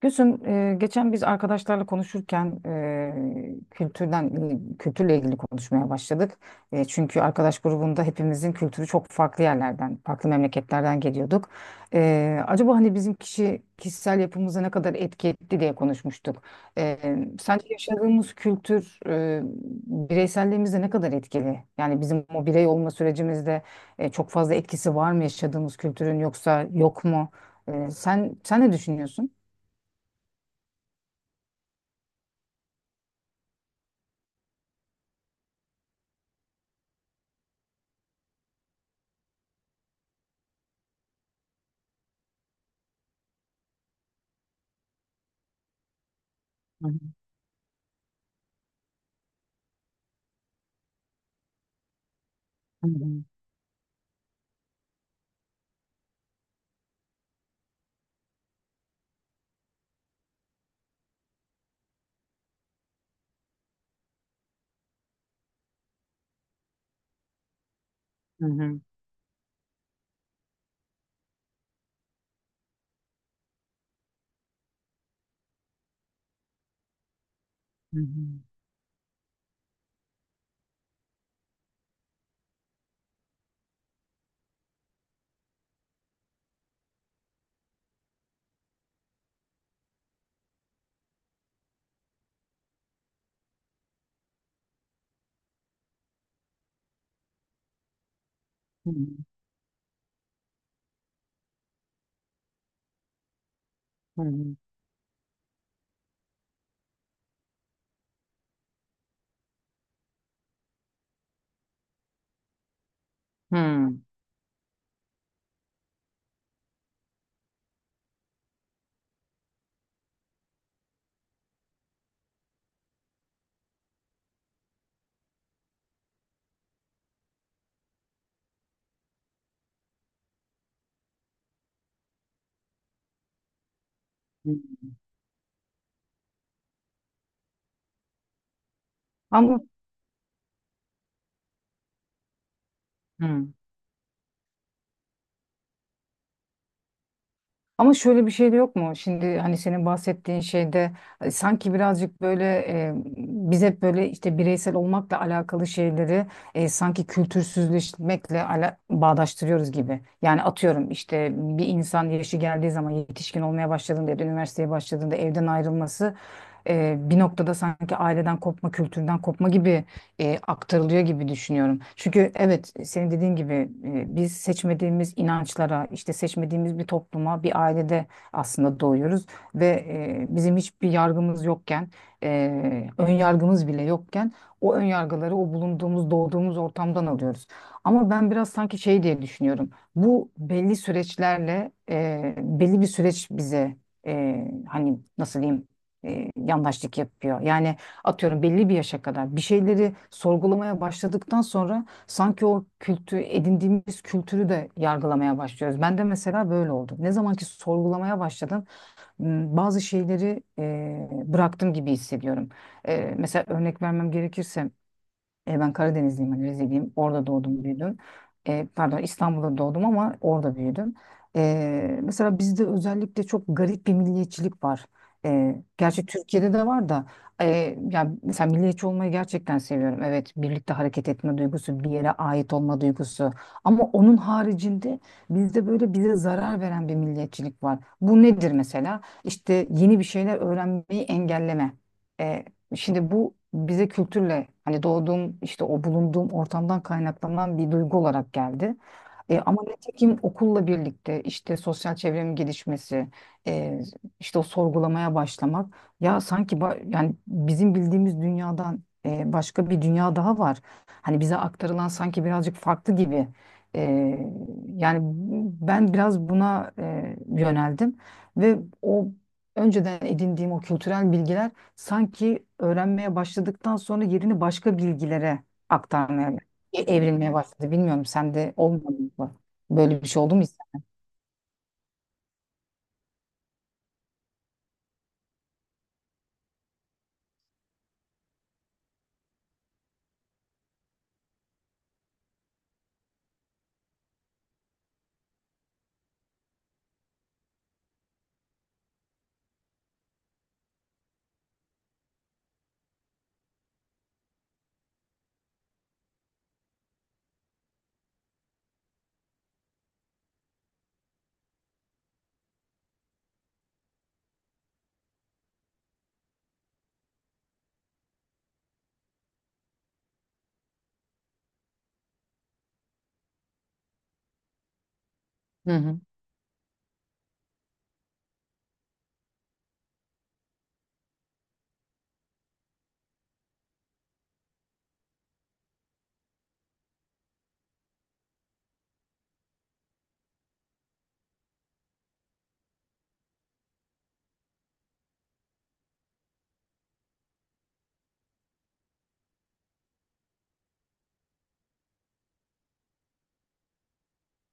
Gülsüm, geçen biz arkadaşlarla konuşurken kültürden kültürle ilgili konuşmaya başladık. E, çünkü arkadaş grubunda hepimizin kültürü çok farklı yerlerden, farklı memleketlerden geliyorduk. E, acaba hani bizim kişisel yapımıza ne kadar etki etti diye konuşmuştuk. E, sence yaşadığımız kültür, bireyselliğimize ne kadar etkili? Yani bizim o birey olma sürecimizde çok fazla etkisi var mı yaşadığımız kültürün yoksa yok mu? Sen ne düşünüyorsun? Hı hı. Hı hı. Hı hı. Hı hı. Hı hı. Hı. Hı. Ama hı. Ama şöyle bir şey de yok mu? Şimdi hani senin bahsettiğin şeyde sanki birazcık böyle, biz hep böyle işte bireysel olmakla alakalı şeyleri sanki kültürsüzleşmekle bağdaştırıyoruz gibi. Yani atıyorum işte bir insan yaşı geldiği zaman yetişkin olmaya başladığında ya da üniversiteye başladığında evden ayrılması bir noktada sanki aileden kopma, kültürden kopma gibi aktarılıyor gibi düşünüyorum. Çünkü evet senin dediğin gibi, biz seçmediğimiz inançlara, işte seçmediğimiz bir topluma, bir ailede aslında doğuyoruz ve bizim hiçbir yargımız yokken, ön yargımız bile yokken o ön yargıları o bulunduğumuz, doğduğumuz ortamdan alıyoruz. Ama ben biraz sanki şey diye düşünüyorum. Bu belli süreçlerle, belli bir süreç bize hani nasıl diyeyim yandaşlık yapıyor. Yani atıyorum belli bir yaşa kadar bir şeyleri sorgulamaya başladıktan sonra sanki o kültü edindiğimiz kültürü de yargılamaya başlıyoruz. Ben de mesela böyle oldu. Ne zaman ki sorgulamaya başladım, bazı şeyleri bıraktım gibi hissediyorum. E, mesela örnek vermem gerekirse, ben Karadenizliyim, hani Rizeliyim. Orada doğdum büyüdüm. E, pardon, İstanbul'da doğdum ama orada büyüdüm. E, mesela bizde özellikle çok garip bir milliyetçilik var. E, gerçi Türkiye'de de var da, e, yani mesela milliyetçi olmayı gerçekten seviyorum. Evet, birlikte hareket etme duygusu, bir yere ait olma duygusu. Ama onun haricinde bizde böyle bize zarar veren bir milliyetçilik var. Bu nedir mesela? İşte yeni bir şeyler öğrenmeyi engelleme. E, şimdi bu bize kültürle hani doğduğum işte o bulunduğum ortamdan kaynaklanan bir duygu olarak geldi. E, ama nitekim okulla birlikte işte sosyal çevremin gelişmesi, e, işte o sorgulamaya başlamak, ya sanki yani bizim bildiğimiz dünyadan, başka bir dünya daha var. Hani bize aktarılan sanki birazcık farklı gibi. E, yani ben biraz buna yöneldim ve o önceden edindiğim o kültürel bilgiler sanki öğrenmeye başladıktan sonra yerini başka bilgilere aktarmaya, evrilmeye başladı. Bilmiyorum, sende olmadı mı? Böyle bir şey oldu mu hiç? Hı hı.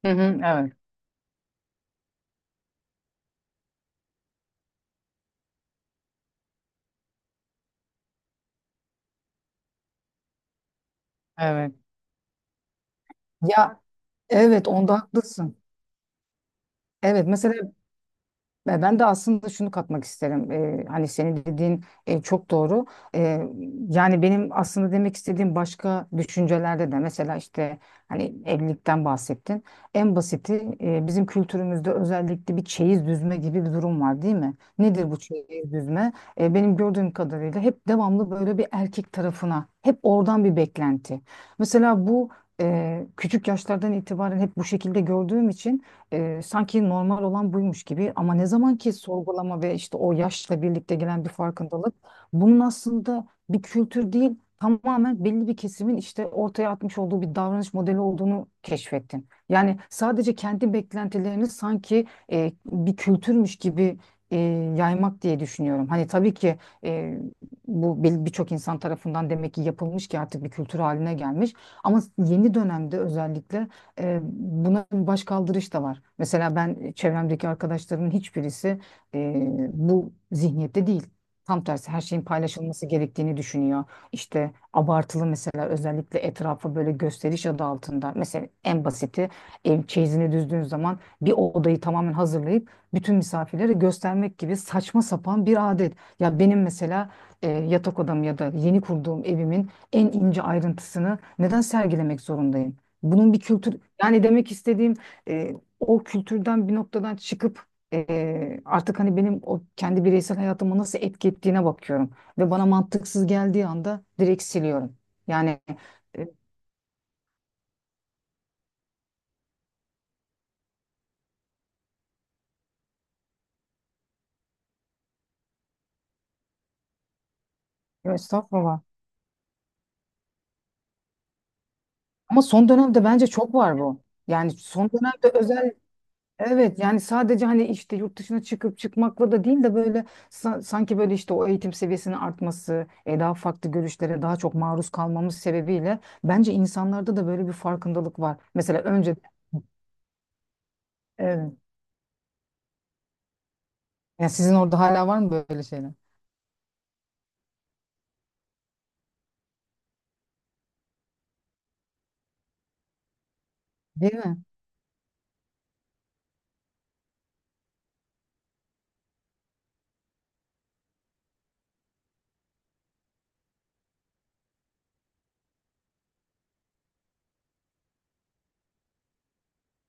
Hı hı. Evet. Evet. Ya evet, onda haklısın. Evet mesela. Ve ben de aslında şunu katmak isterim. Hani senin dediğin çok doğru. Ee, yani benim aslında demek istediğim başka düşüncelerde de, mesela işte hani evlilikten bahsettin. En basiti, bizim kültürümüzde özellikle bir çeyiz düzme gibi bir durum var değil mi? Nedir bu çeyiz düzme? Benim gördüğüm kadarıyla hep devamlı böyle bir erkek tarafına hep oradan bir beklenti. Mesela bu, küçük yaşlardan itibaren hep bu şekilde gördüğüm için sanki normal olan buymuş gibi, ama ne zaman ki sorgulama ve işte o yaşla birlikte gelen bir farkındalık, bunun aslında bir kültür değil, tamamen belli bir kesimin işte ortaya atmış olduğu bir davranış modeli olduğunu keşfettin. Yani sadece kendi beklentilerini sanki bir kültürmüş gibi e, yaymak diye düşünüyorum. Hani tabii ki e, bu birçok insan tarafından demek ki yapılmış ki artık bir kültür haline gelmiş. Ama yeni dönemde özellikle buna başkaldırış da var. Mesela ben çevremdeki arkadaşlarımın hiçbirisi e, bu zihniyette değil. Tam tersi, her şeyin paylaşılması gerektiğini düşünüyor. İşte abartılı mesela, özellikle etrafa böyle gösteriş adı altında. Mesela en basiti, ev çeyizini düzdüğün zaman bir odayı tamamen hazırlayıp bütün misafirlere göstermek gibi saçma sapan bir adet. Ya benim mesela, yatak odam ya da yeni kurduğum evimin en ince ayrıntısını neden sergilemek zorundayım? Bunun bir kültür, yani demek istediğim e, o kültürden bir noktadan çıkıp artık hani benim o kendi bireysel hayatıma nasıl etki ettiğine bakıyorum. Ve bana mantıksız geldiği anda direkt siliyorum. Yani Estağfurullah. Ama son dönemde bence çok var bu. Yani son dönemde özellikle evet. Yani sadece hani işte yurt dışına çıkıp çıkmakla da değil de böyle sanki böyle işte o eğitim seviyesinin artması, daha farklı görüşlere daha çok maruz kalmamız sebebiyle bence insanlarda da böyle bir farkındalık var. Mesela önce evet. Yani sizin orada hala var mı böyle şeyler? Değil mi?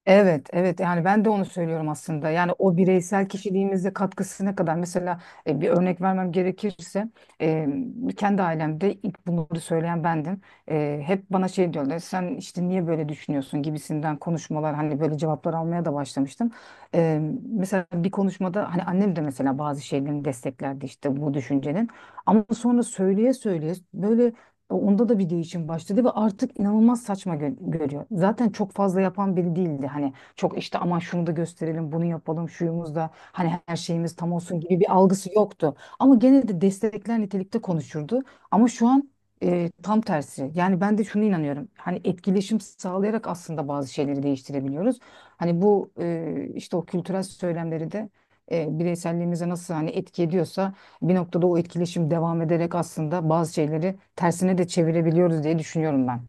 Evet, evet. Yani ben de onu söylüyorum aslında. Yani o bireysel kişiliğimize katkısı ne kadar? Mesela bir örnek vermem gerekirse, e, kendi ailemde ilk bunları söyleyen bendim. E, hep bana şey diyorlar, sen işte niye böyle düşünüyorsun gibisinden konuşmalar, hani böyle cevaplar almaya da başlamıştım. E, mesela bir konuşmada hani annem de mesela bazı şeylerini desteklerdi işte bu düşüncenin. Ama sonra söyleye söyleye böyle e, onda da video için başladı ve artık inanılmaz saçma görüyor. Zaten çok fazla yapan biri değildi. Hani çok işte aman şunu da gösterelim, bunu yapalım, şuyumuz da hani her şeyimiz tam olsun gibi bir algısı yoktu. Ama gene de destekler nitelikte konuşurdu. Ama şu an tam tersi. Yani ben de şunu inanıyorum. Hani etkileşim sağlayarak aslında bazı şeyleri değiştirebiliyoruz. Hani bu, işte o kültürel söylemleri de bireyselliğimize nasıl hani etki ediyorsa bir noktada o etkileşim devam ederek aslında bazı şeyleri tersine de çevirebiliyoruz diye düşünüyorum ben.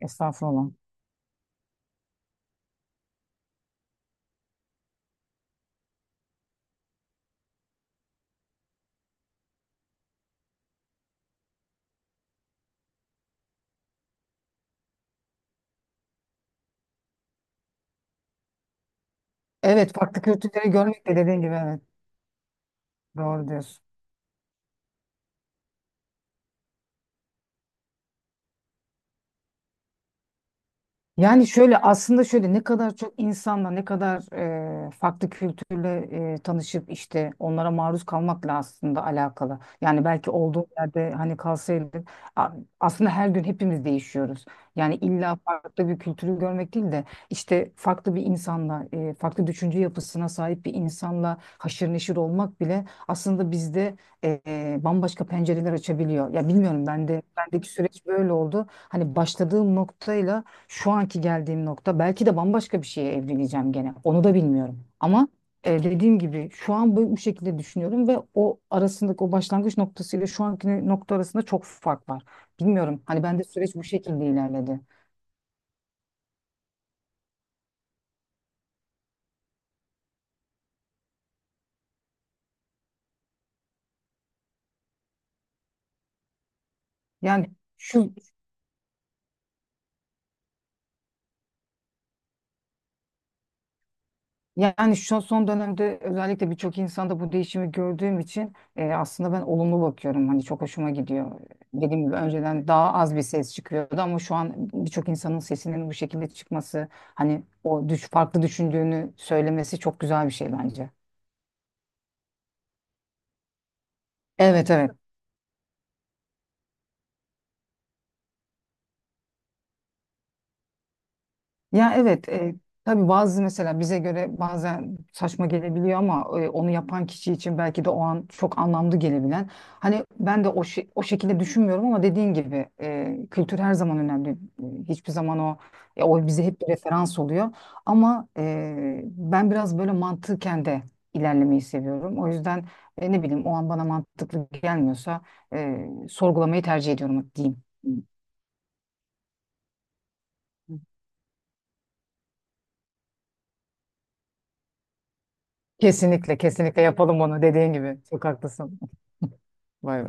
Estağfurullah. Evet, farklı kültürleri görmek de dediğin gibi, evet. Doğru diyorsun. Yani şöyle aslında, şöyle ne kadar çok insanla ne kadar farklı kültürle tanışıp işte onlara maruz kalmakla aslında alakalı. Yani belki olduğum yerde hani kalsaydım, a- aslında her gün hepimiz değişiyoruz. Yani illa farklı bir kültürü görmek değil de işte farklı bir insanla, farklı düşünce yapısına sahip bir insanla haşır neşir olmak bile aslında bizde bambaşka pencereler açabiliyor. Ya bilmiyorum, ben de bendeki süreç böyle oldu. Hani başladığım noktayla şu anki geldiğim nokta, belki de bambaşka bir şeye evleneceğim gene. Onu da bilmiyorum. Ama dediğim gibi şu an bu, bu şekilde düşünüyorum ve o arasındaki o başlangıç noktası ile şu anki nokta arasında çok fark var. Bilmiyorum. Hani bende süreç bu şekilde ilerledi. Yani şu Yani şu son dönemde özellikle birçok insanda bu değişimi gördüğüm için aslında ben olumlu bakıyorum. Hani çok hoşuma gidiyor. Dediğim gibi önceden daha az bir ses çıkıyordu ama şu an birçok insanın sesinin bu şekilde çıkması, hani o düş farklı düşündüğünü söylemesi çok güzel bir şey bence. Evet, evet. Ya evet, tabii bazı mesela bize göre bazen saçma gelebiliyor ama onu yapan kişi için belki de o an çok anlamlı gelebilen. Hani ben de o şekilde düşünmüyorum, ama dediğin gibi kültür her zaman önemli. E, hiçbir zaman o, ya o bize hep bir referans oluyor. Ama ben biraz böyle mantıken de ilerlemeyi seviyorum. O yüzden ne bileyim o an bana mantıklı gelmiyorsa sorgulamayı tercih ediyorum diyeyim. Kesinlikle, kesinlikle yapalım onu dediğin gibi. Çok haklısın. Vay be.